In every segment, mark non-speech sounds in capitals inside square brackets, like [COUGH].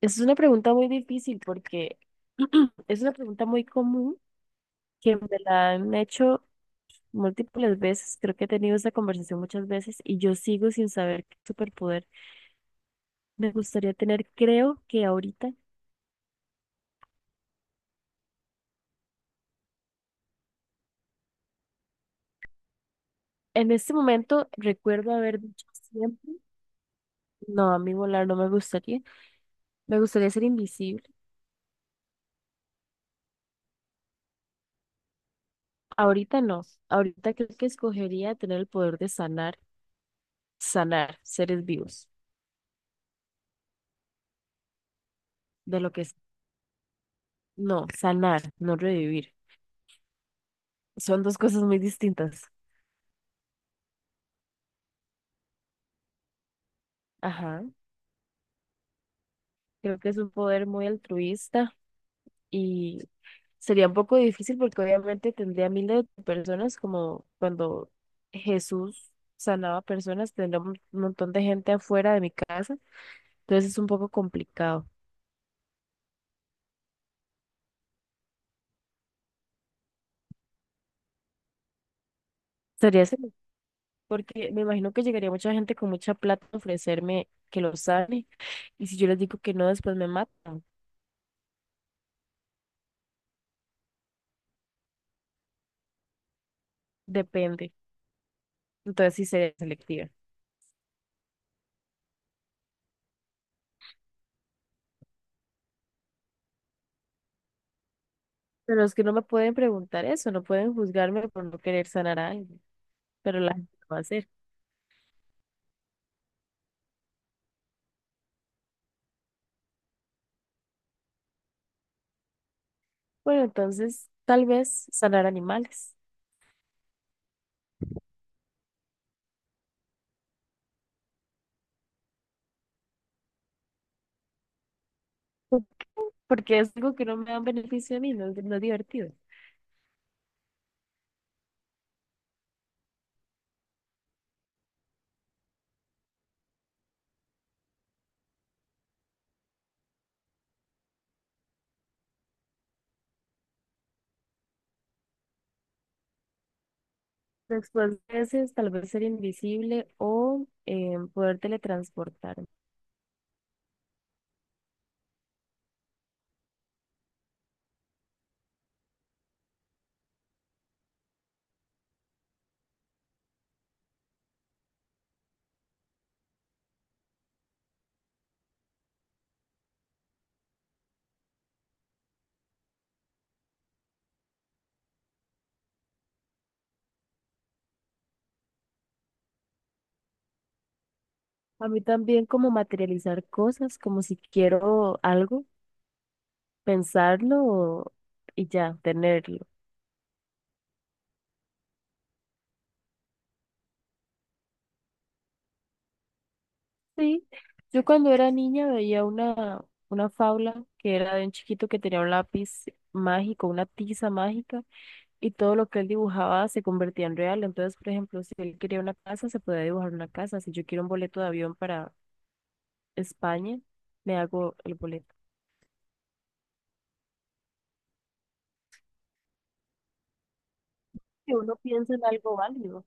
Es una pregunta muy difícil porque [CLEARS THROAT] es una pregunta muy común que me la han hecho múltiples veces. Creo que he tenido esta conversación muchas veces y yo sigo sin saber qué superpoder me gustaría tener. Creo que ahorita, en este momento, recuerdo haber dicho siempre, no, a mí volar no me gustaría. Me gustaría ser invisible. Ahorita no. Ahorita creo que escogería tener el poder de sanar, sanar seres vivos, de lo que es, no, sanar, no revivir. Son dos cosas muy distintas. Ajá. Creo que es un poder muy altruista y sería un poco difícil porque obviamente tendría miles de personas como cuando Jesús sanaba personas, tendría un montón de gente afuera de mi casa. Entonces es un poco complicado. Sería ese, porque me imagino que llegaría mucha gente con mucha plata a ofrecerme que lo sane y si yo les digo que no, después me matan. Depende. Entonces sí sería selectiva. Pero es que no me pueden preguntar eso, no pueden juzgarme por no querer sanar a alguien, pero la gente lo va a hacer. Bueno, entonces tal vez sanar animales. ¿Por qué? Porque es algo que no me da un beneficio a mí, no, es no es divertido. Después de veces, tal vez ser invisible o poder teletransportarme. A mí también como materializar cosas, como si quiero algo, pensarlo y ya, tenerlo. Sí, yo cuando era niña veía una fábula que era de un chiquito que tenía un lápiz mágico, una tiza mágica, y todo lo que él dibujaba se convertía en real. Entonces, por ejemplo, si él quería una casa, se podía dibujar una casa. Si yo quiero un boleto de avión para España, me hago el boleto. Que uno piensa en algo válido.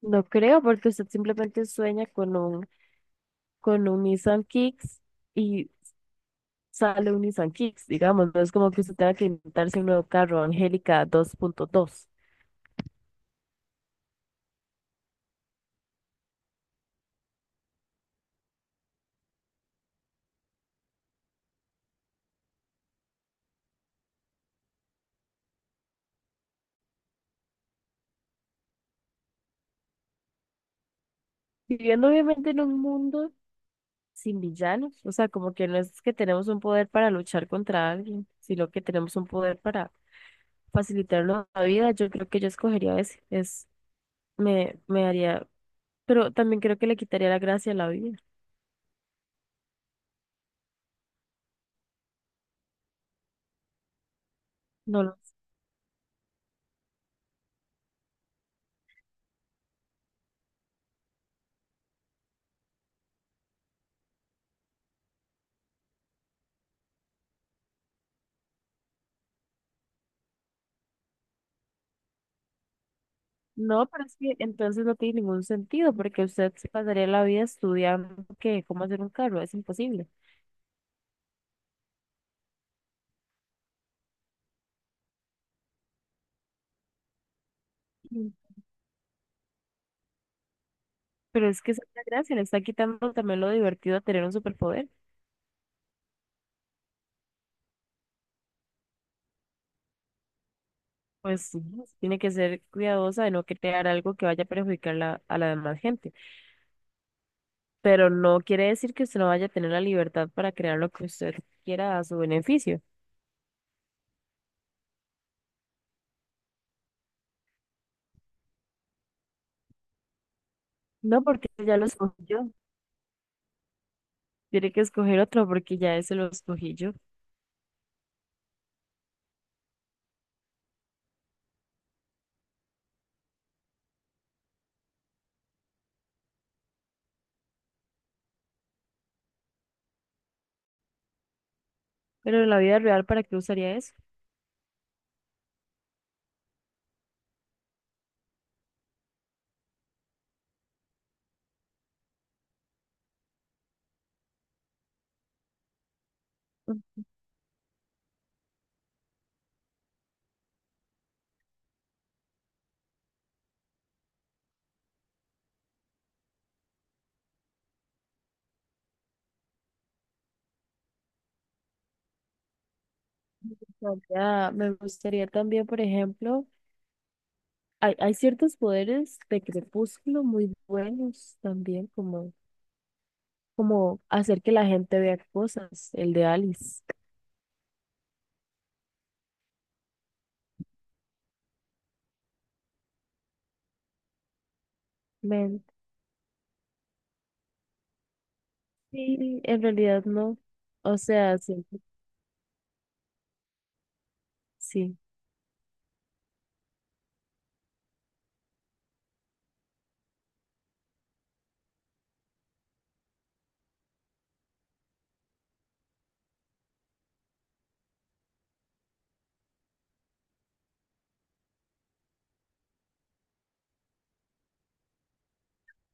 No creo, porque usted simplemente sueña con un Nissan Kicks y sale un Nissan Kicks, digamos. No es como que usted tenga que inventarse un nuevo carro, Angélica dos punto dos. Viviendo obviamente en un mundo sin villanos, o sea, como que no es que tenemos un poder para luchar contra alguien, sino que tenemos un poder para facilitarnos la vida, yo creo que yo escogería ese, es, me haría, pero también creo que le quitaría la gracia a la vida, no lo. No, pero es que entonces no tiene ningún sentido, porque usted se pasaría la vida estudiando que cómo hacer un carro, es imposible. Mm. Pero es que esa es la gracia, le está quitando también lo divertido a tener un superpoder. Pues sí, tiene que ser cuidadosa de no crear algo que vaya a perjudicar a la demás gente, pero no quiere decir que usted no vaya a tener la libertad para crear lo que usted quiera a su beneficio. No, porque ya lo escogí yo. Tiene que escoger otro porque ya ese lo escogí yo. Pero en la vida real, ¿para qué usaría eso? Me me gustaría también, por ejemplo, hay ciertos poderes de crepúsculo muy buenos también, como, como hacer que la gente vea cosas, el de Alice. Me sí, en realidad no. O sea, que sí.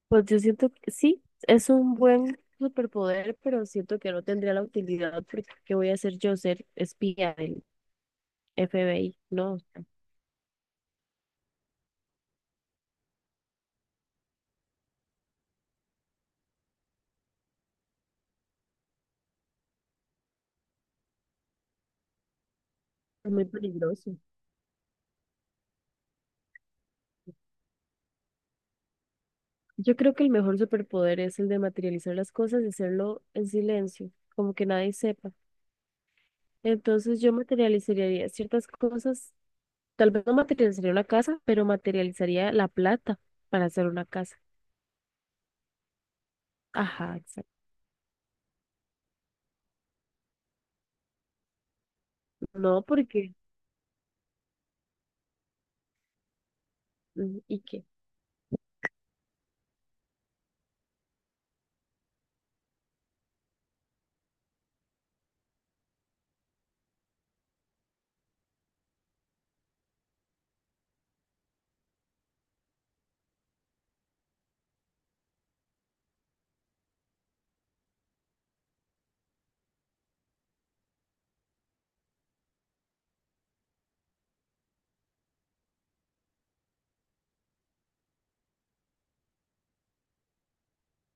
Pues yo siento que sí, es un buen superpoder, pero siento que no tendría la utilidad porque ¿qué voy a hacer yo ser espía del FBI? No, es muy peligroso. Yo creo que el mejor superpoder es el de materializar las cosas y hacerlo en silencio, como que nadie sepa. Entonces yo materializaría ciertas cosas, tal vez no materializaría una casa, pero materializaría la plata para hacer una casa. Ajá, exacto. No, porque Mm, ¿y qué?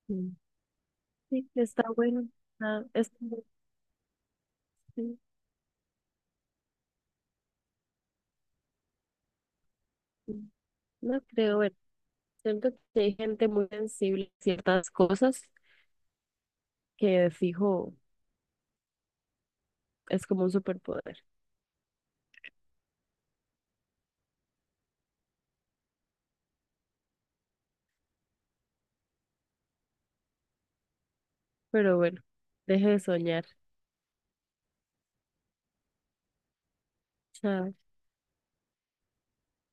Mm. Sí, está bueno. Ah, es como- sí, sí. No creo, bueno, siento que hay gente muy sensible a ciertas cosas que de fijo es como un superpoder. Pero bueno, deje de soñar. Chao.